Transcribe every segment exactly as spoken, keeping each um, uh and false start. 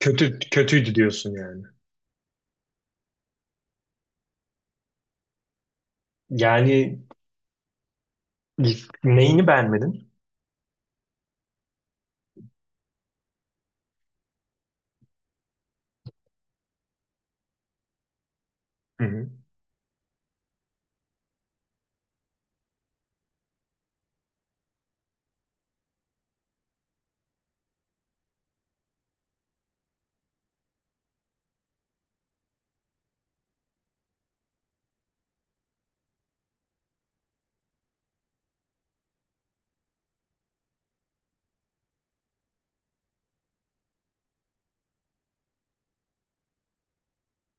Kötü kötüydü diyorsun yani. Yani neyini beğenmedin? Hı hı.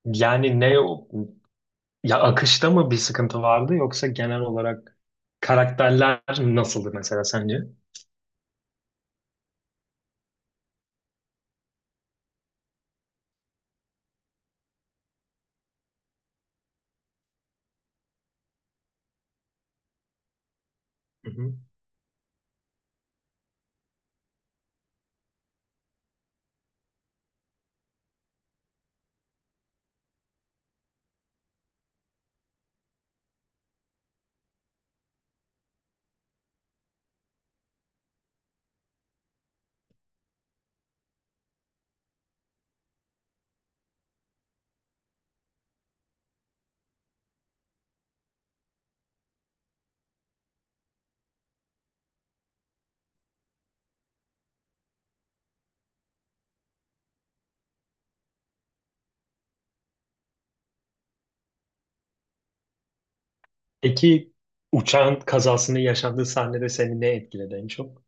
Yani ne o- Ya akışta mı bir sıkıntı vardı, yoksa genel olarak karakterler nasıldı mesela sence? Hı hı. Peki, uçağın kazasını yaşadığı sahnede seni ne etkiledi en çok?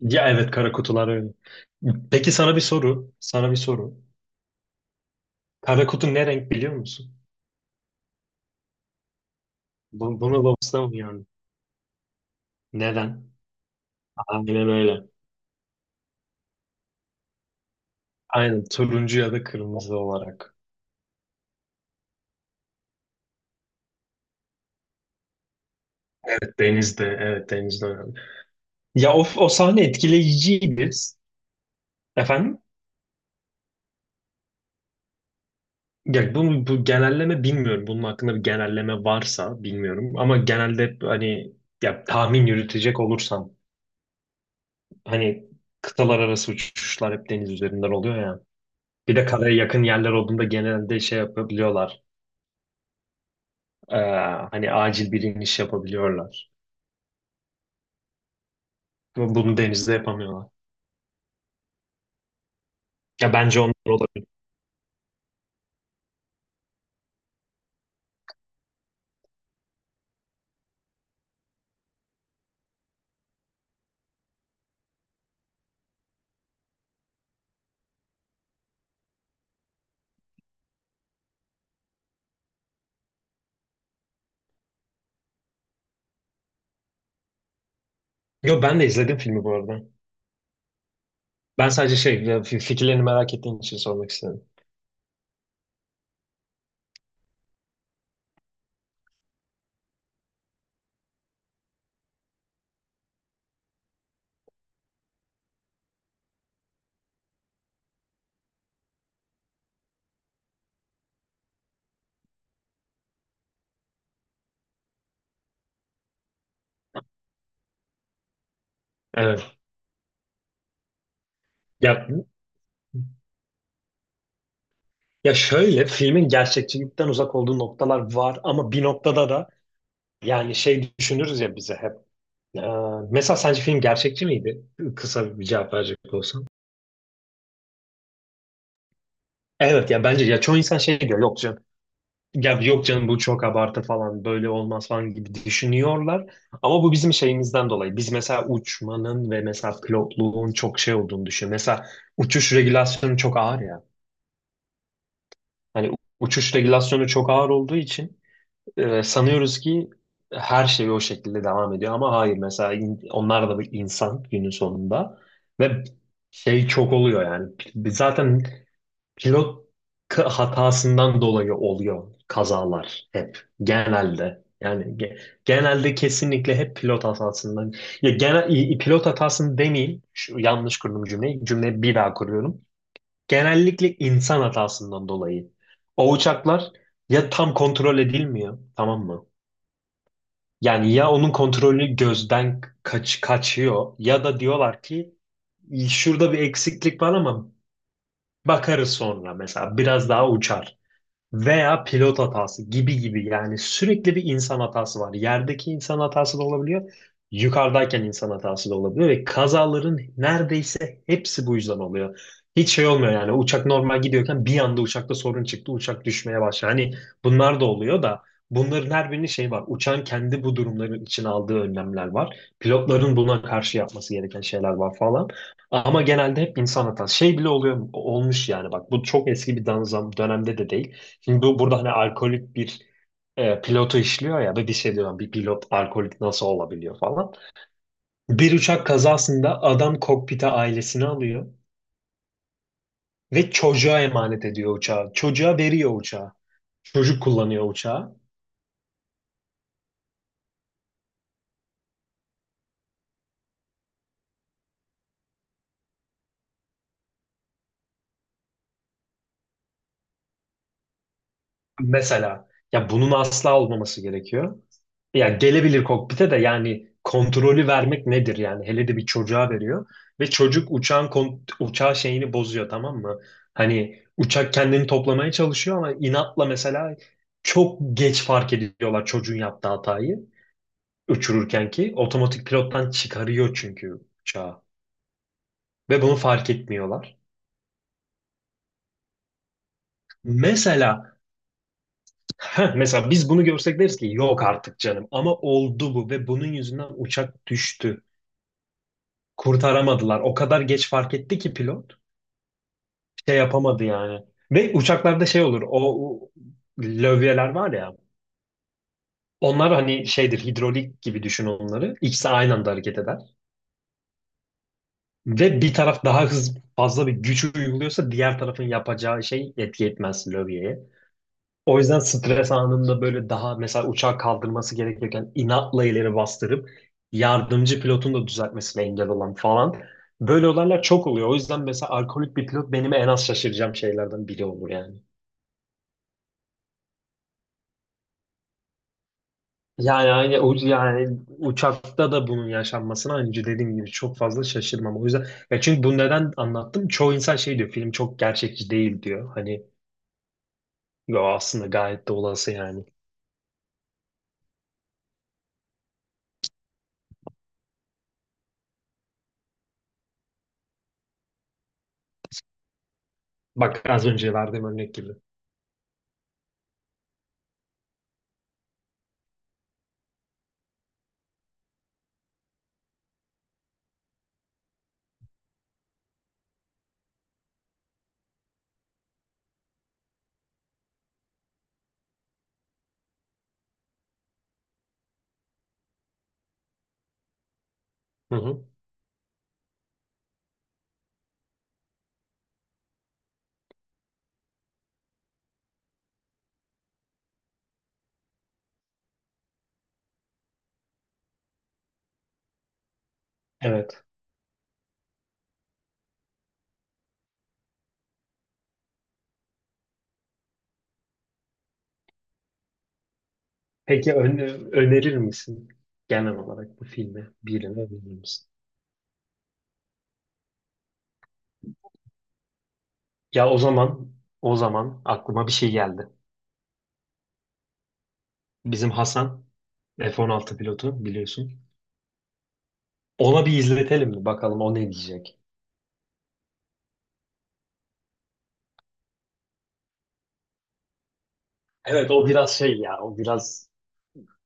Ya evet, kara kutular öyle. Peki sana bir soru. Sana bir soru. Kara kutu ne renk biliyor musun? Bu, bunu Lobster mı yani? Neden? Aynen öyle. Aynen turuncu ya da kırmızı olarak. Denizde, evet denizde önemli. Ya o, o sahne etkileyiciydi. Efendim? Ya bu, bu genelleme bilmiyorum. Bunun hakkında bir genelleme varsa bilmiyorum. Ama genelde hani, ya tahmin yürütecek olursam, hani kıtalar arası uçuşlar hep deniz üzerinden oluyor ya. Bir de karaya yakın yerler olduğunda genelde şey yapabiliyorlar. Ee, Hani acil bir iniş yapabiliyorlar. Bu Bunu denizde yapamıyorlar. Ya bence onlar olabilir. Yo, ben de izledim filmi bu arada. Ben sadece şey ya, fi- fikirlerini merak ettiğim için sormak istedim. Evet. Ya, ya şöyle, filmin gerçekçilikten uzak olduğu noktalar var ama bir noktada da yani şey düşünürüz ya bize hep. Ee, Mesela sence film gerçekçi miydi? Kısa bir cevap verecek olsam. Evet ya, bence, ya çoğu insan şey diyor, yok canım. Ya yok canım, bu çok abartı falan, böyle olmaz falan gibi düşünüyorlar. Ama bu bizim şeyimizden dolayı. Biz mesela uçmanın ve mesela pilotluğun çok şey olduğunu düşünüyoruz. Mesela uçuş regülasyonu çok ağır ya. Hani uçuş regülasyonu çok ağır olduğu için Ee, sanıyoruz ki her şey o şekilde devam ediyor ama hayır, mesela in- onlar da bir insan günün sonunda, ve şey çok oluyor yani, P- zaten pilot k- hatasından dolayı oluyor kazalar, hep genelde yani ge- genelde, kesinlikle hep pilot hatasından. Ya genel i- i- pilot hatasını demeyeyim. Şu, yanlış kurdum cümleyi, cümleyi bir daha kuruyorum. Genellikle insan hatasından dolayı o uçaklar ya tam kontrol edilmiyor, tamam mı? Yani ya onun kontrolü gözden kaç kaçıyor, ya da diyorlar ki şurada bir eksiklik var ama bakarız sonra, mesela biraz daha uçar. Veya pilot hatası gibi gibi, yani sürekli bir insan hatası var. Yerdeki insan hatası da olabiliyor, yukarıdayken insan hatası da olabiliyor ve kazaların neredeyse hepsi bu yüzden oluyor. Hiç şey olmuyor yani, uçak normal gidiyorken bir anda uçakta sorun çıktı, uçak düşmeye başladı. Hani bunlar da oluyor da, bunların her birinin şeyi var. Uçağın kendi bu durumların için aldığı önlemler var. Pilotların buna karşı yapması gereken şeyler var falan. Ama genelde hep insan hatası. Şey bile oluyor, olmuş yani, bak bu çok eski bir danzam dönemde de değil. Şimdi bu burada hani alkolik bir e, pilotu işliyor ya, da bir şey diyorum, bir pilot alkolik nasıl olabiliyor falan. Bir uçak kazasında adam kokpite ailesini alıyor ve çocuğa emanet ediyor uçağı. Çocuğa veriyor uçağı. Çocuk kullanıyor uçağı. Mesela ya bunun asla olmaması gerekiyor. Ya gelebilir kokpite de, yani kontrolü vermek nedir yani, hele de bir çocuğa veriyor ve çocuk uçağın kon- uçağı şeyini bozuyor, tamam mı? Hani uçak kendini toplamaya çalışıyor ama inatla mesela çok geç fark ediyorlar çocuğun yaptığı hatayı. Uçururken ki otomatik pilottan çıkarıyor çünkü uçağı, ve bunu fark etmiyorlar. Mesela Heh, mesela biz bunu görsek deriz ki yok artık canım, ama oldu bu ve bunun yüzünden uçak düştü. Kurtaramadılar. O kadar geç fark etti ki pilot şey yapamadı yani. Ve uçaklarda şey olur, o, o lövyeler var ya, onlar hani şeydir, hidrolik gibi düşün onları. İkisi aynı anda hareket eder. Ve bir taraf daha hız fazla bir güç uyguluyorsa diğer tarafın yapacağı şey etki etmez lövyeye. O yüzden stres anında böyle daha mesela uçağı kaldırması gerekirken inatla ileri bastırıp yardımcı pilotun da düzeltmesine engel olan falan. Böyle olaylar çok oluyor. O yüzden mesela alkolik bir pilot benim en az şaşıracağım şeylerden biri olur yani. Yani aynı o- yani uçakta da bunun yaşanmasına aynı dediğim gibi çok fazla şaşırmam. O yüzden ya çünkü bu, neden anlattım? Çoğu insan şey diyor, film çok gerçekçi değil diyor. Hani yo, aslında gayet de olası yani. Bak az önce verdiğim örnek gibi. Hı hı. Evet. Peki ön- Önerir misin, genel olarak bu filmi birine önerir misin? Ya o zaman, o zaman aklıma bir şey geldi. Bizim Hasan F on altı pilotu, biliyorsun. Ona bir izletelim mi bakalım, o ne diyecek? Evet o biraz şey ya, o biraz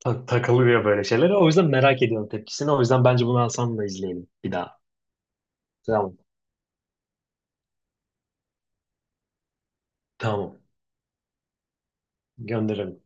ta- takılıyor böyle şeylere. O yüzden merak ediyorum tepkisini. O yüzden bence bunu Hasan'la izleyelim bir daha. Tamam. Tamam. Gönderelim.